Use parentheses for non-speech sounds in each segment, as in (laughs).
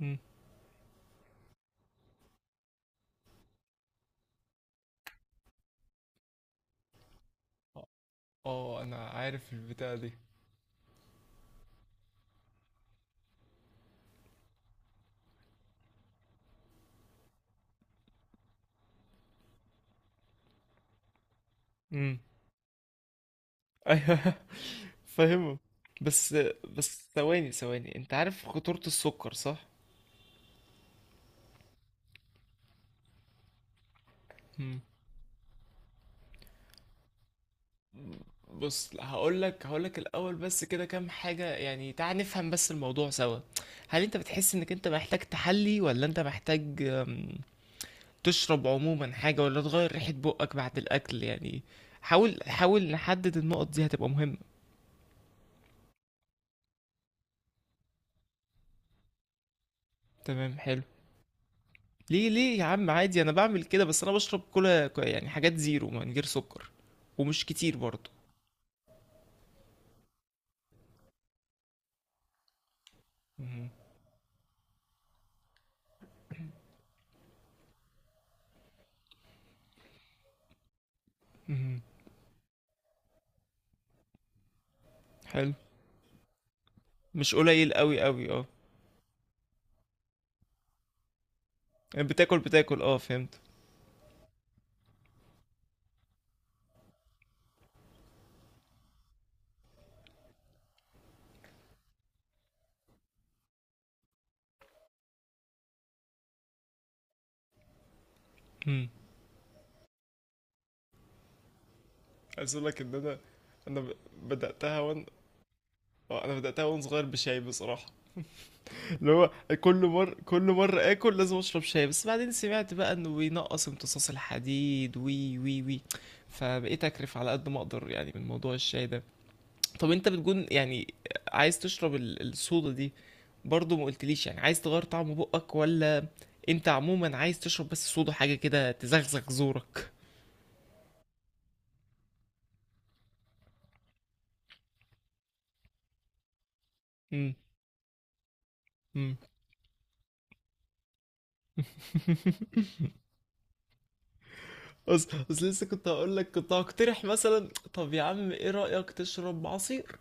امم اه انا عارف البتاعة دي. امم ايوه، (laughs) فاهمه. بس بس ثواني، انت عارف خطورة السكر صح؟ امم بص، هقول لك الاول بس كده كام حاجة، يعني تعال نفهم بس الموضوع سوا. هل انت بتحس انك انت محتاج تحلي ولا انت محتاج تشرب عموما حاجة، ولا تغير ريحة بقك بعد الاكل يعني؟ حاول نحدد النقط دي، هتبقى مهمة. تمام، حلو. ليه يا عم، عادي انا بعمل كده، بس انا بشرب كولا يعني حاجات زيرو من غير سكر، ومش كتير برضه. مهم. مهم. حلو. مش قليل قوي قوي، اه. يعني بتاكل اه، فهمت. مم. عايز اقول لك ان انا انا ب- بداتها وان آه، انا بداتها وانا صغير بشاي بصراحه، اللي هو كل مره اكل لازم اشرب شاي، بس بعدين سمعت بقى انه بينقص امتصاص الحديد، وي وي وي فبقيت اكرف على قد ما اقدر يعني من موضوع الشاي ده. طب انت بتكون يعني عايز تشرب الصودا دي، برضو ما قلتليش يعني عايز تغير طعم بقك، ولا انت عموما عايز تشرب بس صودا، حاجة كده تزغزغ زورك؟ امم امم (laughs) بس لسه كنت هقول لك، كنت هقترح مثلا طب يا عم ايه رأيك تشرب عصير؟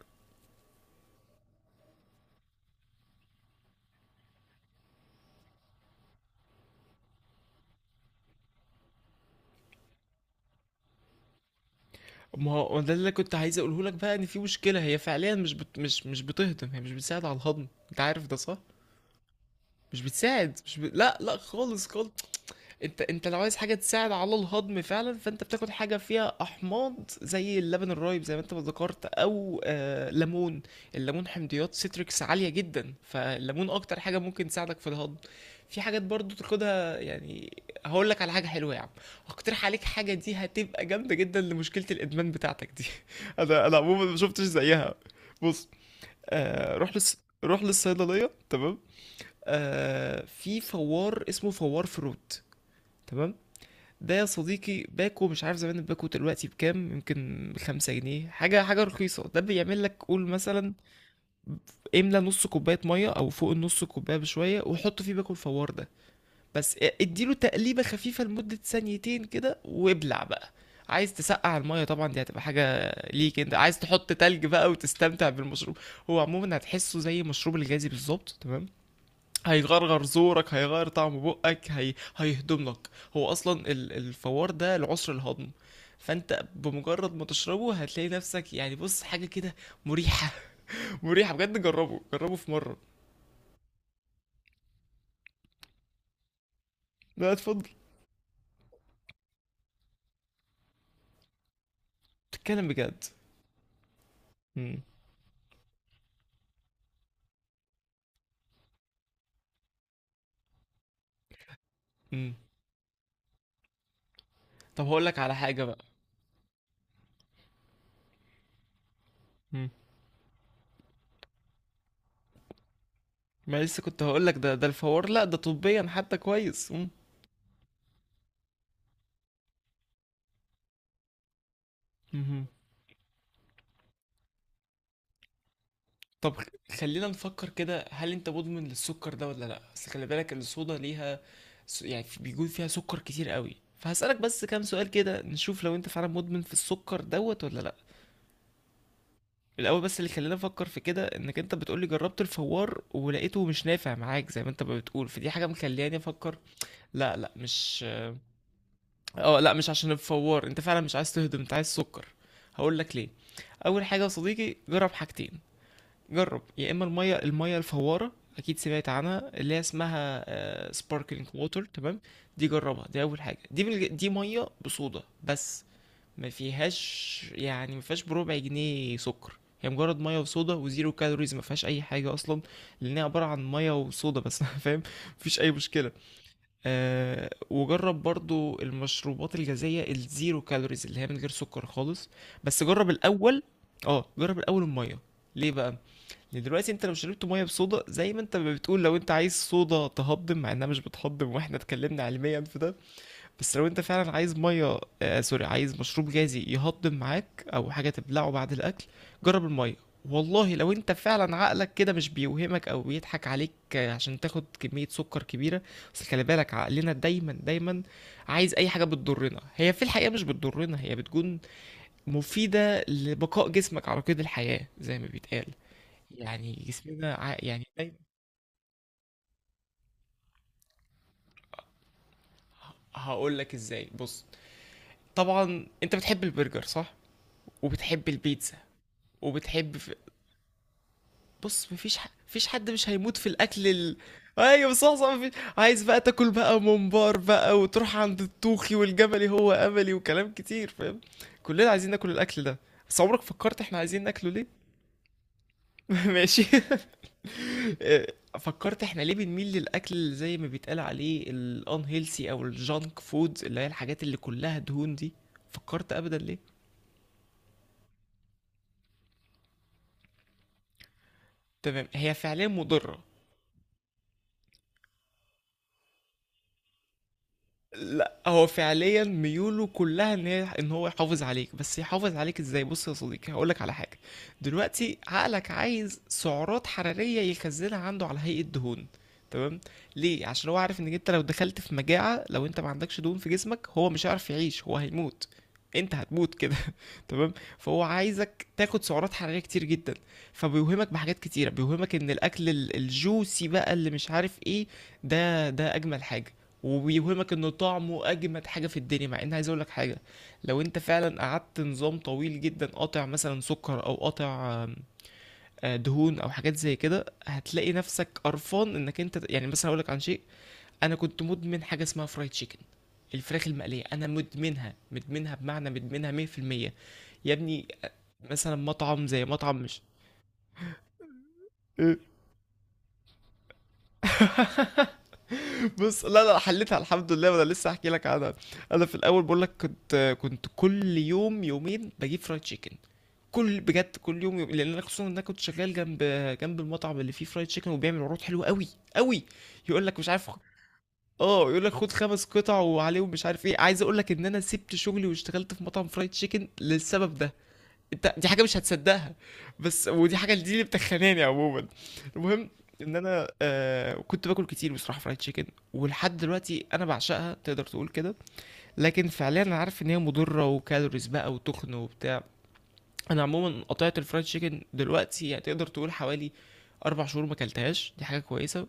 ما هو ده اللي كنت عايز اقوله لك، بقى ان في مشكلة هي فعليا مش بتهضم، هي مش بتساعد على الهضم، انت عارف ده صح؟ مش بتساعد، مش ب... لا لا خالص خالص. انت انت لو عايز حاجه تساعد على الهضم فعلا، فانت بتاخد حاجه فيها احماض، زي اللبن الرايب زي ما انت ما ذكرت، او ليمون. الليمون حمضيات سيتريكس عاليه جدا، فالليمون اكتر حاجه ممكن تساعدك في الهضم. في حاجات برضو تاخدها يعني، هقول لك على حاجه حلوه يا عم. هقترح عليك حاجه، دي هتبقى جامده جدا لمشكله الادمان بتاعتك دي. (laughs) انا انا عموما ما شفتش زيها. بص، آه روح للص... روح للصيدليه تمام، في فوار اسمه فوار فروت. تمام. ده يا صديقي باكو، مش عارف زمان الباكو دلوقتي بكام، يمكن بخمسة جنيه، حاجة حاجة رخيصة. ده بيعمل لك، قول مثلا املى نص كوباية مية أو فوق النص كوباية بشوية، وحط فيه باكو الفوار ده، بس اديله تقليبة خفيفة لمدة ثانيتين كده وابلع بقى. عايز تسقع المية طبعا دي هتبقى حاجة ليك، انت عايز تحط تلج بقى وتستمتع بالمشروب. هو عموما هتحسه زي المشروب الغازي بالظبط تمام، هيغرغر زورك، هيغير طعم بقك، هيهضم لك. هو اصلا الفوار ده العسر الهضم، فانت بمجرد ما تشربه هتلاقي نفسك يعني، بص حاجه كده مريحه. (laughs) مريحه بجد، جربه جربه في مره. لا اتفضل. تتكلم بجد؟ امم امم طب هقول لك على حاجه بقى. امم ما لسه كنت هقول لك، ده ده الفوار، لا ده طبيا حتى كويس. امم طب خلينا نفكر كده، هل انت مدمن للسكر ده ولا لا؟ بس خلي بالك ان الصودا ليها يعني بيكون فيها سكر كتير قوي، فهسألك بس كام سؤال كده، نشوف لو انت فعلا مدمن في السكر دوت ولا لا. الاول بس، اللي خلينا نفكر في كده، انك انت بتقولي جربت الفوار ولقيته مش نافع معاك زي ما انت ما بتقول، فدي حاجة مخلياني افكر. لا لا مش اه لا، مش عشان الفوار، انت فعلا مش عايز تهضم، انت عايز سكر. هقول لك ليه. اول حاجة يا صديقي، جرب حاجتين. جرب يا اما الميه الفواره، اكيد سمعت عنها، اللي هي اسمها سباركلينج ووتر، تمام؟ دي جربها، دي اول حاجه، دي من دي ميه بصودا بس، ما فيهاش يعني، ما فيهاش بربع جنيه سكر، هي مجرد ميه وصودا وزيرو كالوريز، ما فيهاش اي حاجه اصلا. لان هي عباره عن ميه وصودا بس. (laughs) فاهم؟ مفيش اي مشكله. أه، وجرب برضو المشروبات الغازيه الزيرو كالوريز، اللي هي من غير سكر خالص، بس جرب الاول. اه جرب الاول الميه. ليه بقى؟ يعني دلوقتي انت لو شربت ميه بصودا، زي ما انت ما بتقول لو انت عايز صودا تهضم، مع انها مش بتهضم واحنا اتكلمنا علميا في ده. بس لو انت فعلا عايز ميه، سوري، عايز مشروب غازي يهضم معاك، او حاجه تبلعه بعد الاكل، جرب الميه. والله لو انت فعلا عقلك كده مش بيوهمك او بيضحك عليك، عشان تاخد كميه سكر كبيره. بس خلي بالك عقلنا دايما عايز اي حاجه بتضرنا، هي في الحقيقه مش بتضرنا، هي بتكون مفيده لبقاء جسمك على قيد الحياه زي ما بيتقال. يعني جسمنا يعني دايما. هقول لك ازاي، بص، طبعا انت بتحب البرجر صح؟ وبتحب البيتزا، وبتحب في... بص مفيش حد مش هيموت في الاكل ايوه صح صح، عايز بقى تاكل بقى ممبار بقى، وتروح عند الطوخي والجملي هو املي وكلام كتير فاهم. كلنا عايزين ناكل الاكل ده، بس عمرك فكرت احنا عايزين ناكله ليه؟ (laughs) ماشي. فكرت احنا ليه بنميل للاكل زي ما بيتقال عليه الان هيلسي او الجانك فود، اللي هي الحاجات اللي كلها دهون دي؟ فكرت ابدا ليه؟ تمام، هي فعليا مضره. لا هو فعليا ميوله كلها ان هي ان هو يحافظ عليك، بس يحافظ عليك ازاي؟ بص يا صديقي هقولك على حاجه. دلوقتي عقلك عايز سعرات حراريه يخزنها عنده على هيئه دهون، تمام؟ ليه؟ عشان هو عارف انك انت لو دخلت في مجاعه، لو انت ما عندكش دهون في جسمك، هو مش هيعرف يعيش، هو هيموت، انت هتموت كده تمام. فهو عايزك تاخد سعرات حراريه كتير جدا، فبيوهمك بحاجات كتيره، بيوهمك ان الاكل الجوسي بقى اللي مش عارف ايه، ده ده اجمل حاجه، وبيوهمك انه طعمه اجمد حاجه في الدنيا. مع ان عايز اقول لك حاجه، لو انت فعلا قعدت نظام طويل جدا قاطع مثلا سكر، او قاطع آم، آه، دهون، او حاجات زي كده، هتلاقي نفسك قرفان انك انت، يعني مثلا اقول لك عن شيء. انا كنت مدمن حاجه اسمها فرايد تشيكن، الفراخ المقلية، أنا مدمنها بمعنى مدمنها 100% يا ابني. مثلا مطعم زي مطعم مش... إيه؟ (laughs) بص، لا لا حليتها الحمد لله، وانا لسه احكي لك عنها. انا في الاول بقول لك كنت كل يوم يومين بجيب فرايد تشيكن، كل، بجد كل يوم يوم، لان انا خصوصا ان انا كنت شغال جنب جنب المطعم اللي فيه فرايد تشيكن، وبيعمل عروض حلوه قوي قوي. يقول لك مش عارف، اه يقول لك خد خمس قطع وعليهم مش عارف ايه. عايز اقول لك ان انا سبت شغلي واشتغلت في مطعم فرايد تشيكن للسبب ده، انت دي حاجه مش هتصدقها، بس ودي حاجه دي اللي بتخناني عموما. المهم ان انا كنت باكل كتير بصراحه فرايد تشيكن، ولحد دلوقتي انا بعشقها تقدر تقول كده، لكن فعليا انا عارف ان هي مضره وكالوريز بقى وتخن وبتاع. انا عموما قطعت الفرايد تشيكن دلوقتي، يعني تقدر تقول حوالي اربع شهور ما اكلتهاش، دي حاجه كويسه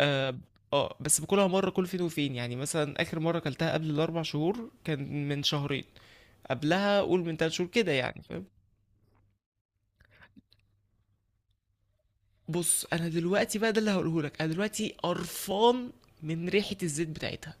اه. بس باكلها مره كل فين وفين، يعني مثلا اخر مره اكلتها قبل الاربع شهور كان من شهرين، قبلها قول من تلات شهور كده، يعني فاهم. بص انا دلوقتي بقى، ده اللي هقوله لك، انا دلوقتي قرفان من ريحه الزيت بتاعتها.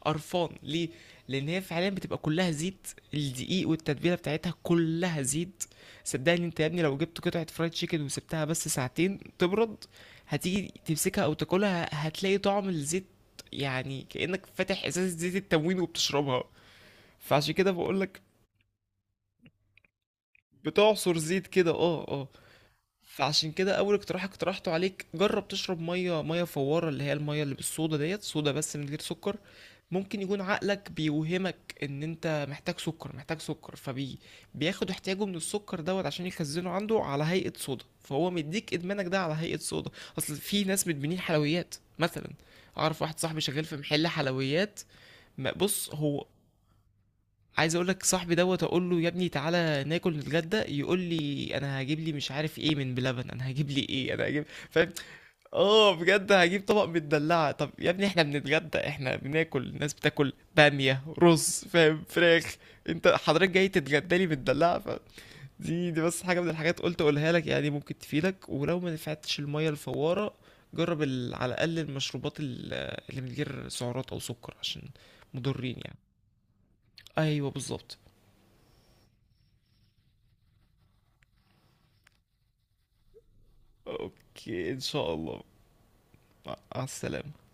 قرفان ليه؟ لان هي فعلا بتبقى كلها زيت، الدقيق والتتبيله بتاعتها كلها زيت. صدقني انت يا ابني، لو جبت قطعه فرايد تشيكن وسبتها بس ساعتين تبرد، هتيجي تمسكها او تاكلها، هتلاقي طعم الزيت، يعني كانك فاتح ازازه زيت التموين وبتشربها. فعشان كده بقول لك، بتعصر زيت كده اه اه. فعشان كده اول اقتراح اقترحته عليك، جرب تشرب ميه فواره، اللي هي الميه اللي بالصودا ديت، صودا بس من غير سكر. ممكن يكون عقلك بيوهمك ان انت محتاج سكر، محتاج سكر، بياخد احتياجه من السكر دوت، عشان يخزنه عنده على هيئة صودا، فهو مديك ادمانك ده على هيئة صودا. اصل في ناس بتبنيه حلويات مثلا، اعرف واحد صاحبي شغال في محل حلويات. بص هو، عايز اقول لك صاحبي دوت، اقول له يا ابني تعالى ناكل نتغدى، يقول لي انا هجيب لي مش عارف ايه من بلبن، انا هجيب لي ايه، انا هجيب فاهم، اه بجد هجيب طبق مدلعه. طب يا ابني احنا بنتغدى، احنا بناكل، الناس بتاكل باميه رز فاهم فراخ، انت حضرتك جاي تتغدى لي مدلعه ف... دي دي بس حاجه من الحاجات قلت اقولها لك، يعني ممكن تفيدك. ولو ما نفعتش الميه الفواره، جرب على الاقل المشروبات اللي من غير سعرات او سكر، عشان مضرين يعني. ايوه بالظبط. اوكي ان شاء الله. مع السلامة.